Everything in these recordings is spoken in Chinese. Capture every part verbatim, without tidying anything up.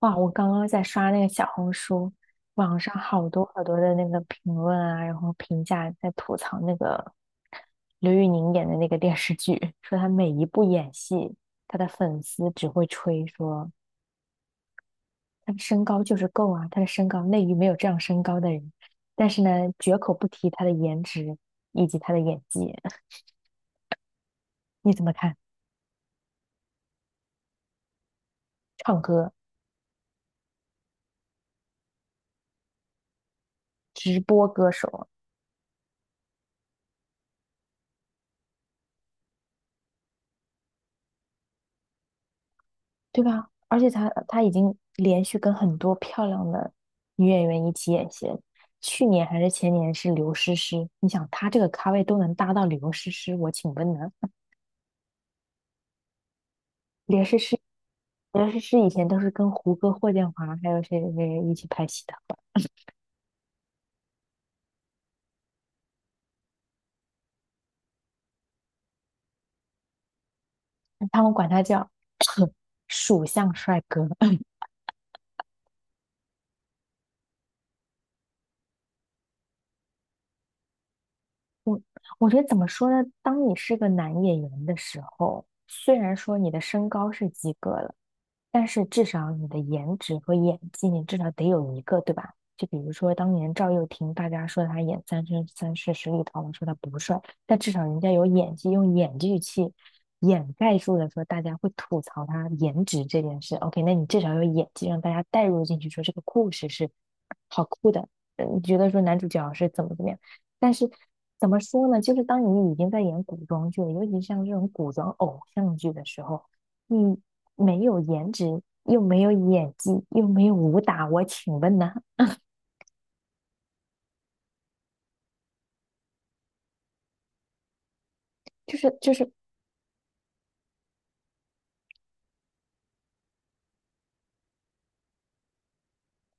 哇，我刚刚在刷那个小红书，网上好多好多的那个评论啊，然后评价在吐槽那个刘宇宁演的那个电视剧，说他每一部演戏，他的粉丝只会吹说他的身高就是够啊，他的身高内娱没有这样身高的人，但是呢，绝口不提他的颜值以及他的演技。你怎么看？唱歌，直播歌手。对吧？而且他他已经连续跟很多漂亮的女演员一起演戏了。去年还是前年是刘诗诗，你想他这个咖位都能搭到刘诗诗，我请问呢？刘诗诗，刘诗诗以前都是跟胡歌、霍建华还有谁谁谁一起拍戏的，他们管他叫 属相帅哥。我我觉得怎么说呢？当你是个男演员的时候，虽然说你的身高是及格了，但是至少你的颜值和演技，你至少得有一个，对吧？就比如说当年赵又廷，大家说他演《三生三世十里桃花》说他不帅，但至少人家有演技，用演技去掩盖住了说大家会吐槽他颜值这件事。OK，那你至少有演技，让大家带入进去，说这个故事是好酷的。呃你觉得说男主角是怎么怎么样？但是怎么说呢？就是当你已经在演古装剧了，尤其像这种古装偶像剧的时候，你没有颜值，又没有演技，又没有武打，我请问呢？就是就是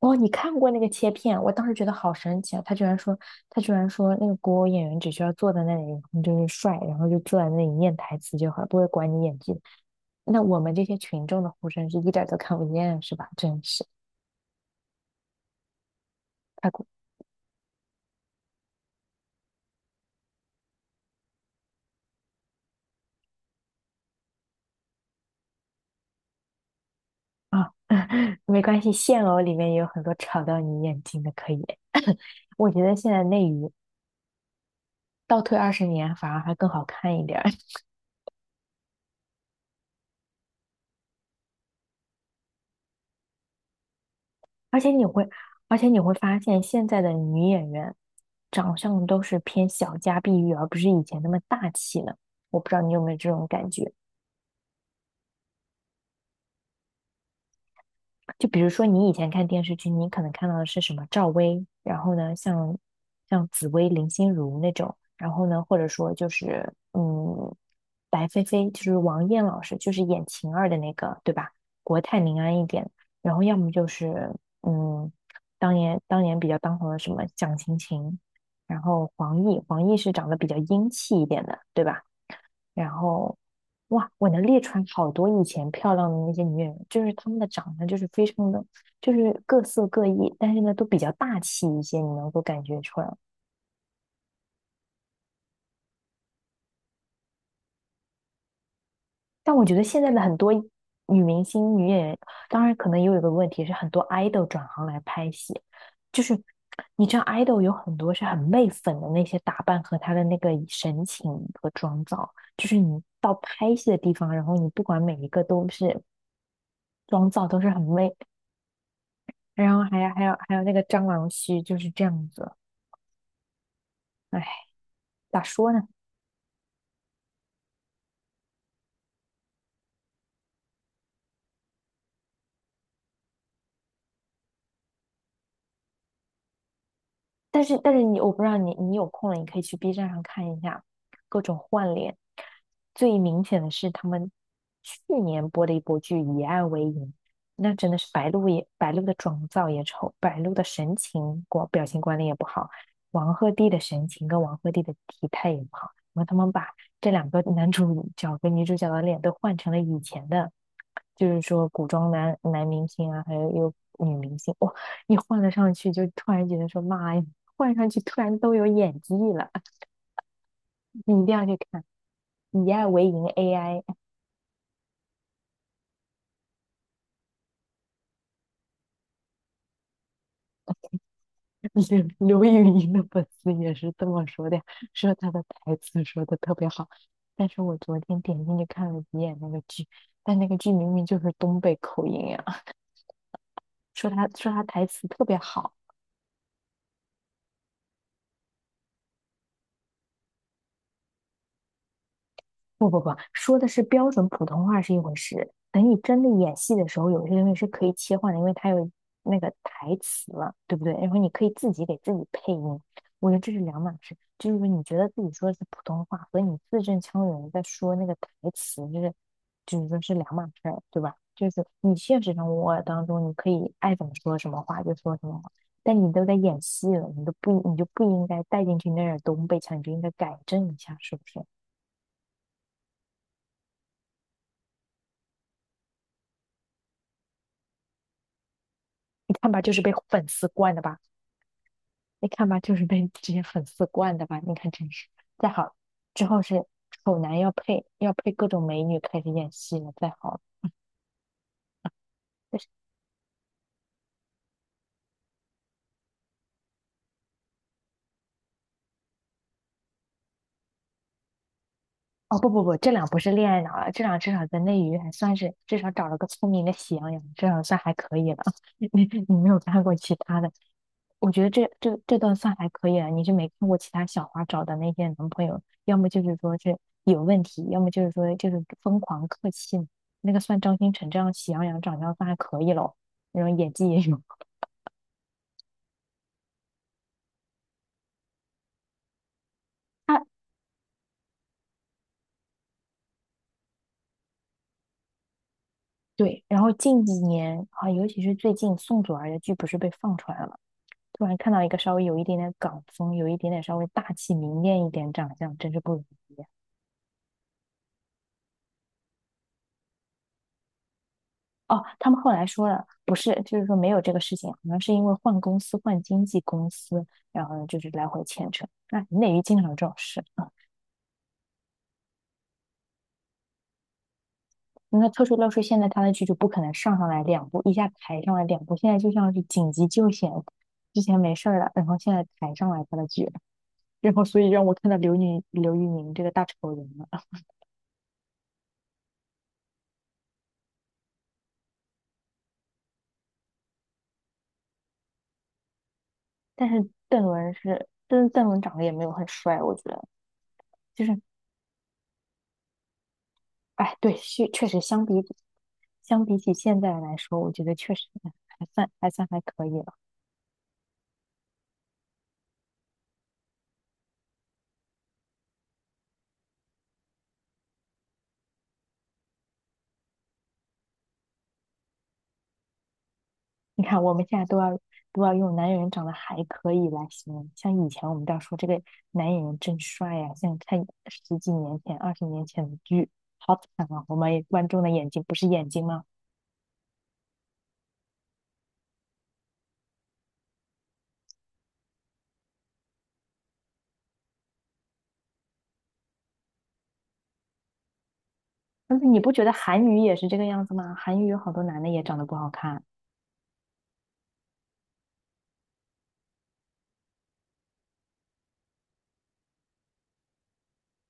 哦，你看过那个切片？我当时觉得好神奇啊！他居然说他居然说那个古偶演员只需要坐在那里，然后就是帅，然后就坐在那里念台词就好，不会管你演技。那我们这些群众的呼声是一点儿都看不见，是吧？真是。太过。啊，没关系，现偶里面也有很多吵到你眼睛的，可以。我觉得现在内娱倒退二十年反而还更好看一点儿。而且你会，而且你会发现现在的女演员长相都是偏小家碧玉，而不是以前那么大气了。我不知道你有没有这种感觉。就比如说你以前看电视剧，你可能看到的是什么赵薇，然后呢，像像紫薇、林心如那种，然后呢，或者说就是嗯，白飞飞，就是王艳老师，就是演晴儿的那个，对吧？国泰民安一点，然后要么就是嗯，当年当年比较当红的什么蒋勤勤，然后黄奕，黄奕是长得比较英气一点的，对吧？然后哇，我能列出来好多以前漂亮的那些女演员，就是她们的长相就是非常的，就是各色各异，但是呢都比较大气一些，你能够感觉出来。但我觉得现在的很多女明星、女演员，当然可能也有一个问题是，很多 idol 转行来拍戏，就是你知道 idol 有很多是很媚粉的那些打扮和她的那个神情和妆造，就是你到拍戏的地方，然后你不管每一个都是妆造都是很媚。然后还有还有还有那个蟑螂须就是这样子，哎，咋说呢？但是但是你我不知道你你有空了，你可以去 B 站上看一下各种换脸。最明显的是他们去年播的一部剧《以爱为营》，那真的是白鹿也白鹿的妆造也丑，白鹿的神情管表情管理也不好，王鹤棣的神情跟王鹤棣的体态也不好。然后他们把这两个男主角跟女主角的脸都换成了以前的，就是说古装男男明星啊，还有有女明星，哇，一换了上去就突然觉得说妈呀！换上去突然都有演技了，你一定要去看。以爱为营 A I,刘 刘宇宁的粉丝也是这么说的，说他的台词说的特别好。但是我昨天点进去看了几眼那个剧，但那个剧明明就是东北口音呀，说他说他台词特别好。不不不，说的是标准普通话是一回事，等你真的演戏的时候，有些东西是可以切换的，因为它有那个台词了，对不对？然后你可以自己给自己配音，我觉得这是两码事。就是说你觉得自己说的是普通话，和你字正腔圆地在说那个台词，就是就是说是两码事儿，对吧？就是你现实生活当中，你可以爱怎么说什么话就说什么话，但你都在演戏了，你都不你就不应该带进去那点东北腔，你就应该改正一下，是不是？你看吧，就是被粉丝惯的吧？你看吧，就是被这些粉丝惯的吧？你看真是，再好之后是丑男要配要配各种美女开始演戏了，再好就是哦不不不，这俩不是恋爱脑了，这俩至少在内娱还算是至少找了个聪明的喜羊羊，这样算还可以了。你你没有看过其他的，我觉得这这这段算还可以了，你是没看过其他小花找的那些男朋友，要么就是说是有问题，要么就是说就是疯狂客气。那个算张新成这样喜羊羊长相算还可以咯，那种演技也有。啊。对，然后近几年啊，尤其是最近宋祖儿的剧不是被放出来了吗？突然看到一个稍微有一点点港风，有一点点稍微大气明艳一点长相，真是不容易。哦，他们后来说了，不是，就是说没有这个事情，好像是因为换公司、换经纪公司，然后呢就是来回牵扯。那内娱经常有这种事啊。那特殊乐视现在他的剧就不可能上上来两部，一下抬上来两部，现在就像是紧急救险，之前没事儿了，然后现在抬上来他的剧，然后所以让我看到刘宁、刘宇宁这个大丑人了。但是邓伦是，邓邓伦长得也没有很帅，我觉得。就是。哎，对，确确实相比起相比起现在来说，我觉得确实还算还算还可以了。你看，我们现在都要都要用男演员长得还可以来形容，像以前我们都要说这个男演员真帅呀、像看十几年前、二十年前的剧，好惨啊！我们观众的眼睛不是眼睛吗？但是你不觉得韩语也是这个样子吗？韩语有好多男的也长得不好看，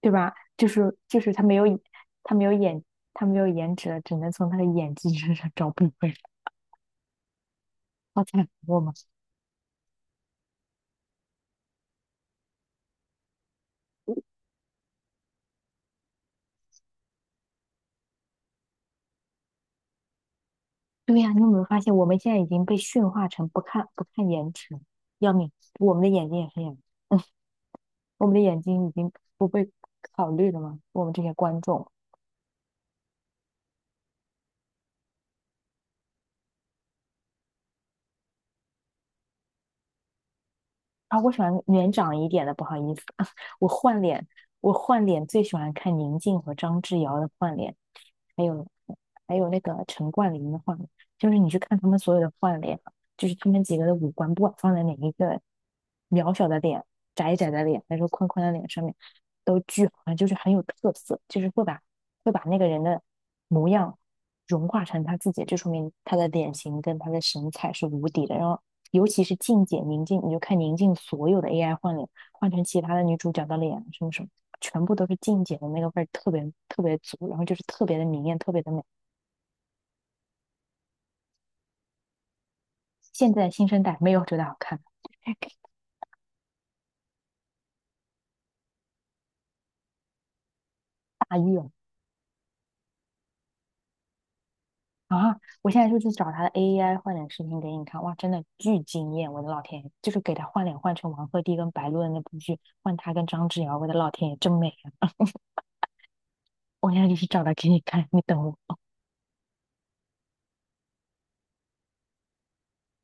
对吧？就是就是他没有他没有演他没有颜值了，只能从他的演技身上找补回来。好惨，我们。对呀，你有没有发现，我们现在已经被驯化成不看不看颜值，要命！我们的眼睛也是眼，我们的眼睛已经不被考虑了吗？我们这些观众。啊，我喜欢年长一点的，不好意思，我换脸，我换脸最喜欢看宁静和张智尧的换脸，还有还有那个陈冠霖的换脸，就是你去看他们所有的换脸，就是他们几个的五官，不管放在哪一个渺小的脸、窄窄的脸，还是宽宽的脸上面，都巨好看，就是很有特色，就是会把会把那个人的模样融化成他自己，就说明他的脸型跟他的神采是无敌的。然后尤其是静姐宁静，你就看宁静所有的 A I 换脸，换成其他的女主角的脸，什么什么，全部都是静姐的那个味儿特别特别足，然后就是特别的明艳，特别的美。现在新生代没有觉得好看。 大意了啊！我现在就去找她的 A I 换脸视频给你看，哇，真的巨惊艳！我的老天爷，就是给她换脸换成王鹤棣跟白鹿的那部剧，换她跟张智尧，我的老天爷，真美啊！我现在就去找她给你看，你等我。